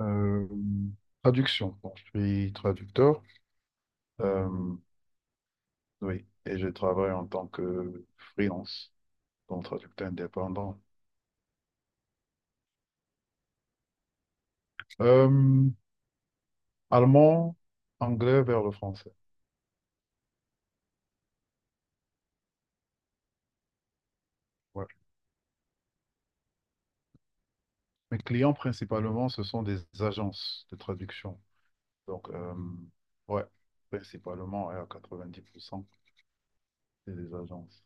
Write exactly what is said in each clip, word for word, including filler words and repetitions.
Euh, Traduction. Bon, je suis traducteur. Euh, oui, et je travaille en tant que freelance, donc traducteur indépendant. Euh, Allemand, anglais vers le français. Ouais. Mes clients principalement, ce sont des agences de traduction. Donc, euh, ouais, principalement ouais, à quatre-vingt-dix pour cent, c'est des agences.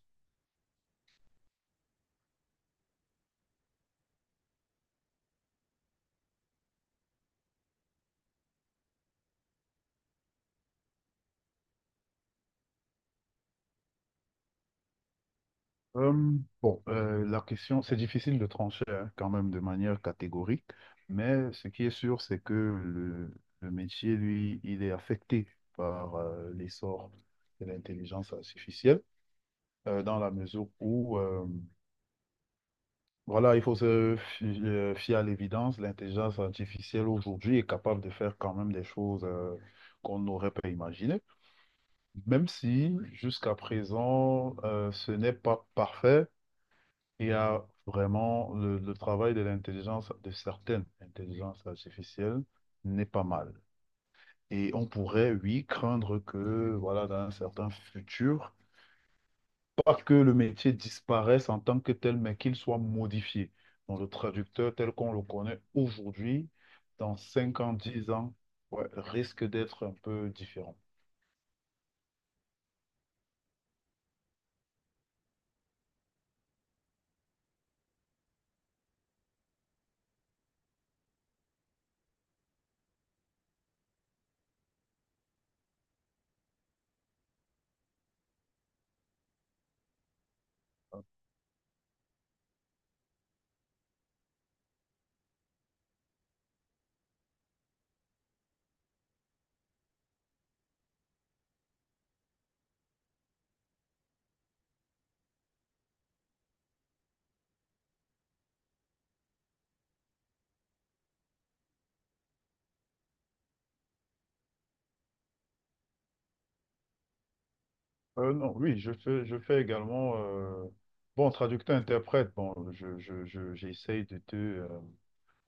Euh, bon, euh, la question, c'est difficile de trancher hein, quand même de manière catégorique, mais ce qui est sûr, c'est que le, le métier, lui, il est affecté par euh, l'essor de l'intelligence artificielle, euh, dans la mesure où, euh, voilà, il faut se fi- euh, fier à l'évidence, l'intelligence artificielle aujourd'hui est capable de faire quand même des choses euh, qu'on n'aurait pas imaginées, même si jusqu'à présent, euh, ce n'est pas parfait. Il y a vraiment le, le travail de l'intelligence, de certaines intelligences artificielles n'est pas mal. Et on pourrait, oui, craindre que, voilà, dans un certain futur, pas que le métier disparaisse en tant que tel, mais qu'il soit modifié. Donc, le traducteur tel qu'on le connaît aujourd'hui, dans cinq ans, dix ans, ouais, risque d'être un peu différent. Euh, non, oui, je fais, je fais également, euh, bon, traducteur-interprète, bon, je, je, je- j'essaye de te, euh,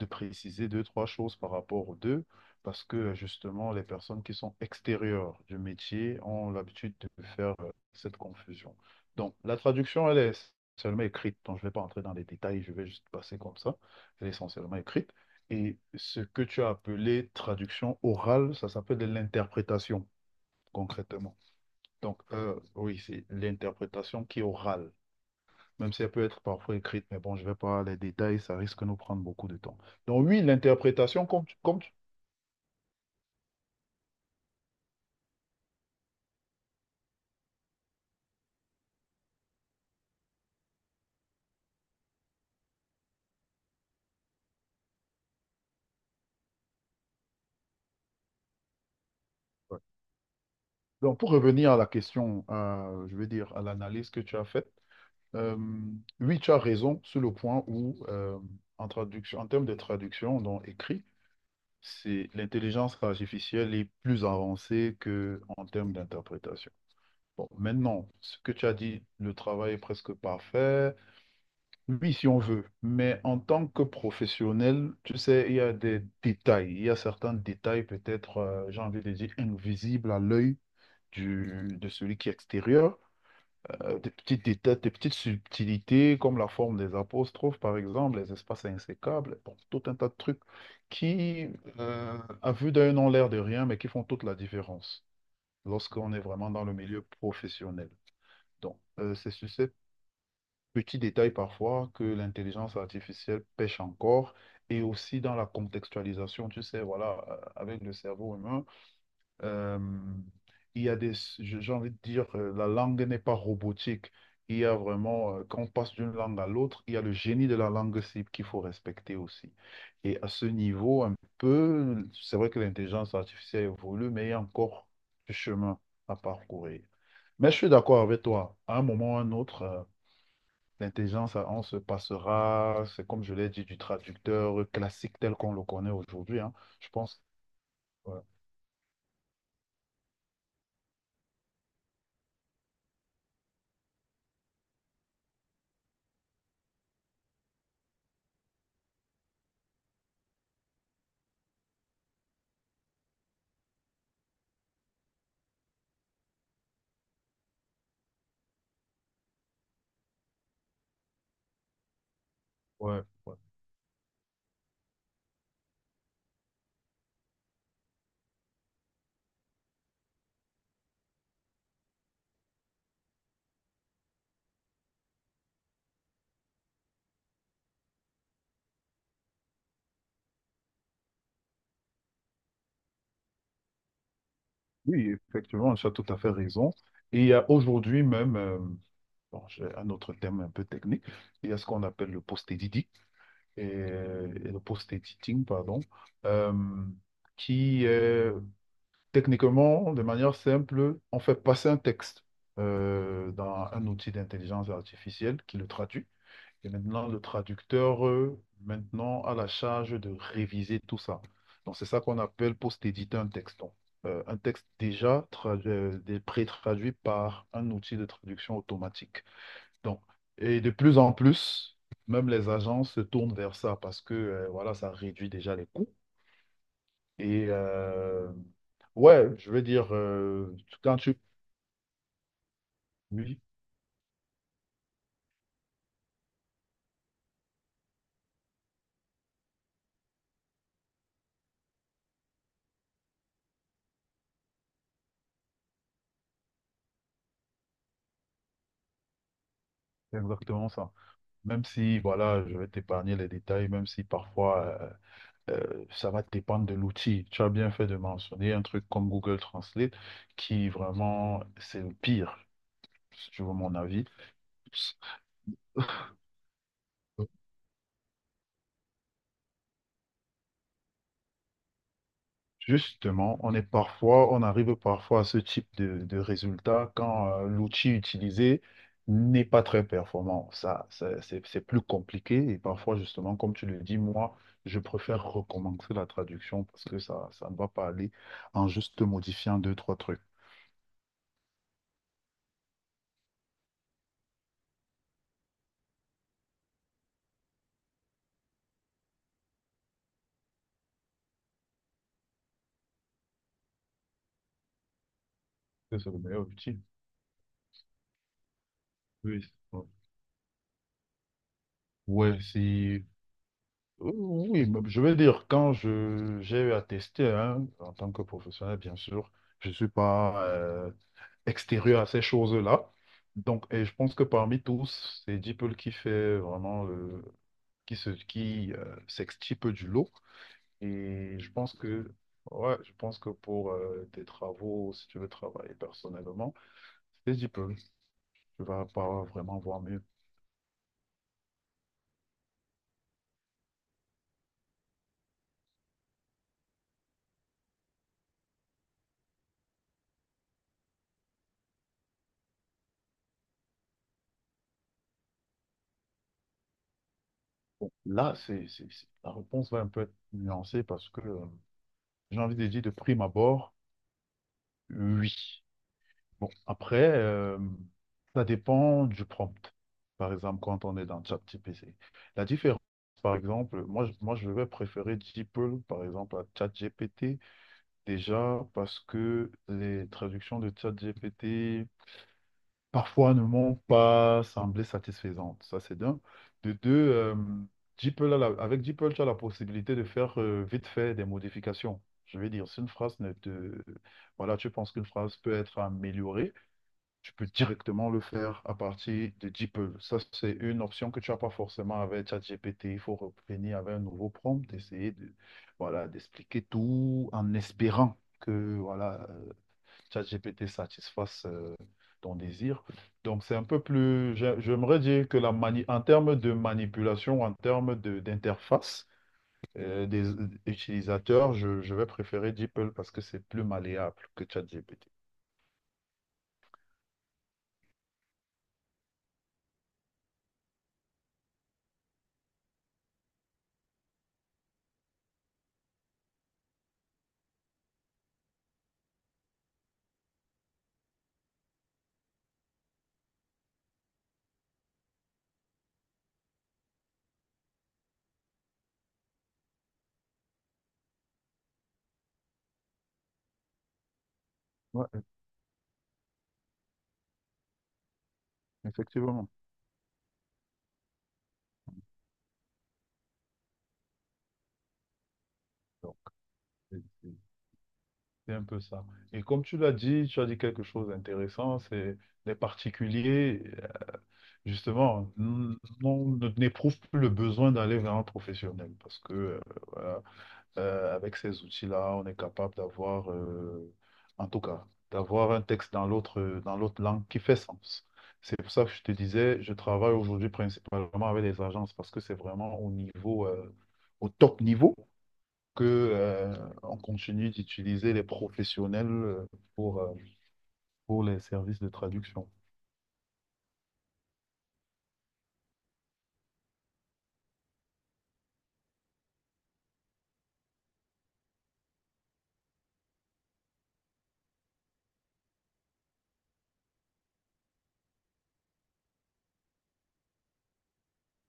de préciser deux, trois choses par rapport aux deux, parce que justement, les personnes qui sont extérieures du métier ont l'habitude de faire euh, cette confusion. Donc, la traduction, elle est seulement écrite, donc je ne vais pas entrer dans les détails, je vais juste passer comme ça, elle est essentiellement écrite. Et ce que tu as appelé traduction orale, ça s'appelle de l'interprétation, concrètement. Donc, euh, oui, c'est l'interprétation qui est orale, même si elle peut être parfois écrite, mais bon, je ne vais pas les détails, ça risque de nous prendre beaucoup de temps. Donc, oui, l'interprétation, comme, tu- comme, tu- Ouais. Donc, pour revenir à la question, euh, je veux dire, à l'analyse que tu as faite, euh, oui, tu as raison sur le point où, euh, en traduction, en termes de traduction, donc écrit, c'est l'intelligence artificielle est plus avancée que en termes d'interprétation. Bon, maintenant, ce que tu as dit, le travail est presque parfait. Oui, si on veut, mais en tant que professionnel, tu sais, il y a des détails, il y a certains détails peut-être, euh, j'ai envie de dire, invisibles à l'œil du, de celui qui est extérieur euh, des petites détails, des petites subtilités comme la forme des apostrophes, par exemple, les espaces insécables, bon, tout un tas de trucs qui, euh, à vue d'œil, n'ont l'air de rien, mais qui font toute la différence lorsqu'on est vraiment dans le milieu professionnel. Donc, euh, c'est sur ces petits détails parfois que l'intelligence artificielle pêche encore, et aussi dans la contextualisation, tu sais, voilà, euh, avec le cerveau humain. Euh, il y a des, je- j'ai envie de dire, euh, la langue n'est pas robotique. Il y a vraiment, euh, quand on passe d'une langue à l'autre, il y a le génie de la langue cible qu'il faut respecter aussi. Et à ce niveau, un peu, c'est vrai que l'intelligence artificielle évolue, mais il y a encore du chemin à parcourir. Mais je suis d'accord avec toi. À un moment ou à un autre, euh, l'intelligence, euh, on se passera, c'est comme je l'ai dit, du traducteur classique tel qu'on le connaît aujourd'hui, hein. Je pense. Ouais, ouais. Ouais. Oui, effectivement, tu as tout à fait raison. Et il y a aujourd'hui même, euh, bon, j'ai un autre terme un peu technique, il y a ce qu'on appelle le post-editing, et, et le post-editing, pardon, euh, qui est techniquement, de manière simple, on fait passer un texte euh, dans un outil d'intelligence artificielle qui le traduit. Et maintenant, le traducteur, euh, maintenant, a la charge de réviser tout ça. Donc, c'est ça qu'on appelle post-éditer un texte. Donc, euh, un texte déjà tradu- euh, dé- pré-traduit par un outil de traduction automatique. Donc, et de plus en plus, même les agences se tournent vers ça parce que euh, voilà, ça réduit déjà les coûts. Et euh, ouais, je veux dire, euh, quand tu... Oui, c'est exactement ça. Même si, voilà, je vais t'épargner les détails, même si parfois... euh, Euh, ça va dépendre de l'outil. Tu as bien fait de mentionner un truc comme Google Translate qui vraiment, c'est le pire, si tu veux mon avis. Justement, on est parfois, on arrive parfois à ce type de, de résultat quand euh, l'outil utilisé n'est pas très performant. Ça, ça, c'est c'est plus compliqué et parfois, justement, comme tu le dis, moi, je préfère recommencer la traduction parce que ça, ça ne va pas aller en juste modifiant deux, trois trucs. C'est le meilleur outil. Oui. Ouais, c'est... euh, Oui, bah, je veux dire, quand je j'ai eu à tester, hein, en tant que professionnel, bien sûr, je ne suis pas euh, extérieur à ces choses-là. Donc, et je pense que parmi tous, c'est DeepL qui fait vraiment le... qui se qui euh, s'extirpe du lot. Et je pense que ouais, je pense que pour euh, tes travaux, si tu veux travailler personnellement, c'est DeepL. Tu vas pas vraiment voir mieux. Bon, là, c'est, c'est, c'est- la réponse va un peu être nuancée parce que. euh, J'ai envie de dire de prime abord, oui. Bon, après, euh, ça dépend du prompt. Par exemple, quand on est dans ChatGPT. La différence, par exemple, moi, je- moi je vais préférer DeepL, par exemple, à ChatGPT, déjà parce que les traductions de ChatGPT parfois ne m'ont pas semblé satisfaisantes. Ça, c'est d'un. De deux, euh, DeepL a la- avec DeepL, tu as la possibilité de faire euh, vite fait des modifications. Je veux dire, si une phrase ne te... Voilà, tu penses qu'une phrase peut être améliorée, tu peux directement le faire à partir de DeepL. Ça, c'est une option que tu n'as pas forcément avec ChatGPT. Il faut revenir avec un nouveau prompt, essayer de, voilà, d'expliquer tout en espérant que, voilà, euh, ChatGPT satisfasse euh, ton désir. Donc, c'est un peu plus, j'a- j'aimerais dire que la mani- en termes de manipulation, en termes de- d'interface euh, des utilisateurs, je, je vais préférer DeepL parce que c'est plus malléable que ChatGPT. Ouais, effectivement. Donc, c'est c'est- c'est un peu ça. Et comme tu l'as dit, tu as dit quelque chose d'intéressant, c'est les particuliers, euh, justement, n- n'ont- n'éprouvent plus le besoin d'aller vers un professionnel parce que euh, voilà, Euh, avec ces outils-là, on est capable d'avoir, euh, en tout cas, d'avoir un texte dans l'autre, euh, dans l'autre langue qui fait sens. C'est pour ça que je te disais, je travaille aujourd'hui principalement avec les agences parce que c'est vraiment au niveau, euh, au top niveau que, euh, on continue d'utiliser les professionnels euh, pour, euh, pour les services de traduction.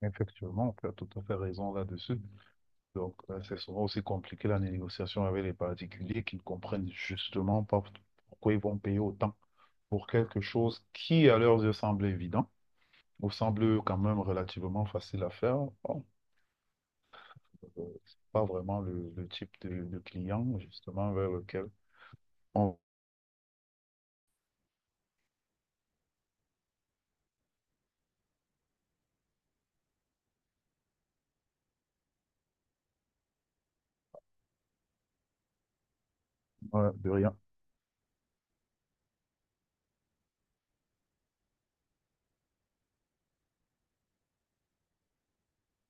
Effectivement, tu as tout à fait raison là-dessus. Donc, euh, c'est souvent aussi compliqué la négociation avec les particuliers qui ne comprennent justement pas pourquoi ils vont payer autant pour quelque chose qui, à leurs yeux, semble évident ou semble quand même relativement facile à faire. Bon, euh, c'est pas vraiment le, le type de, de client, justement, vers lequel on va de rien.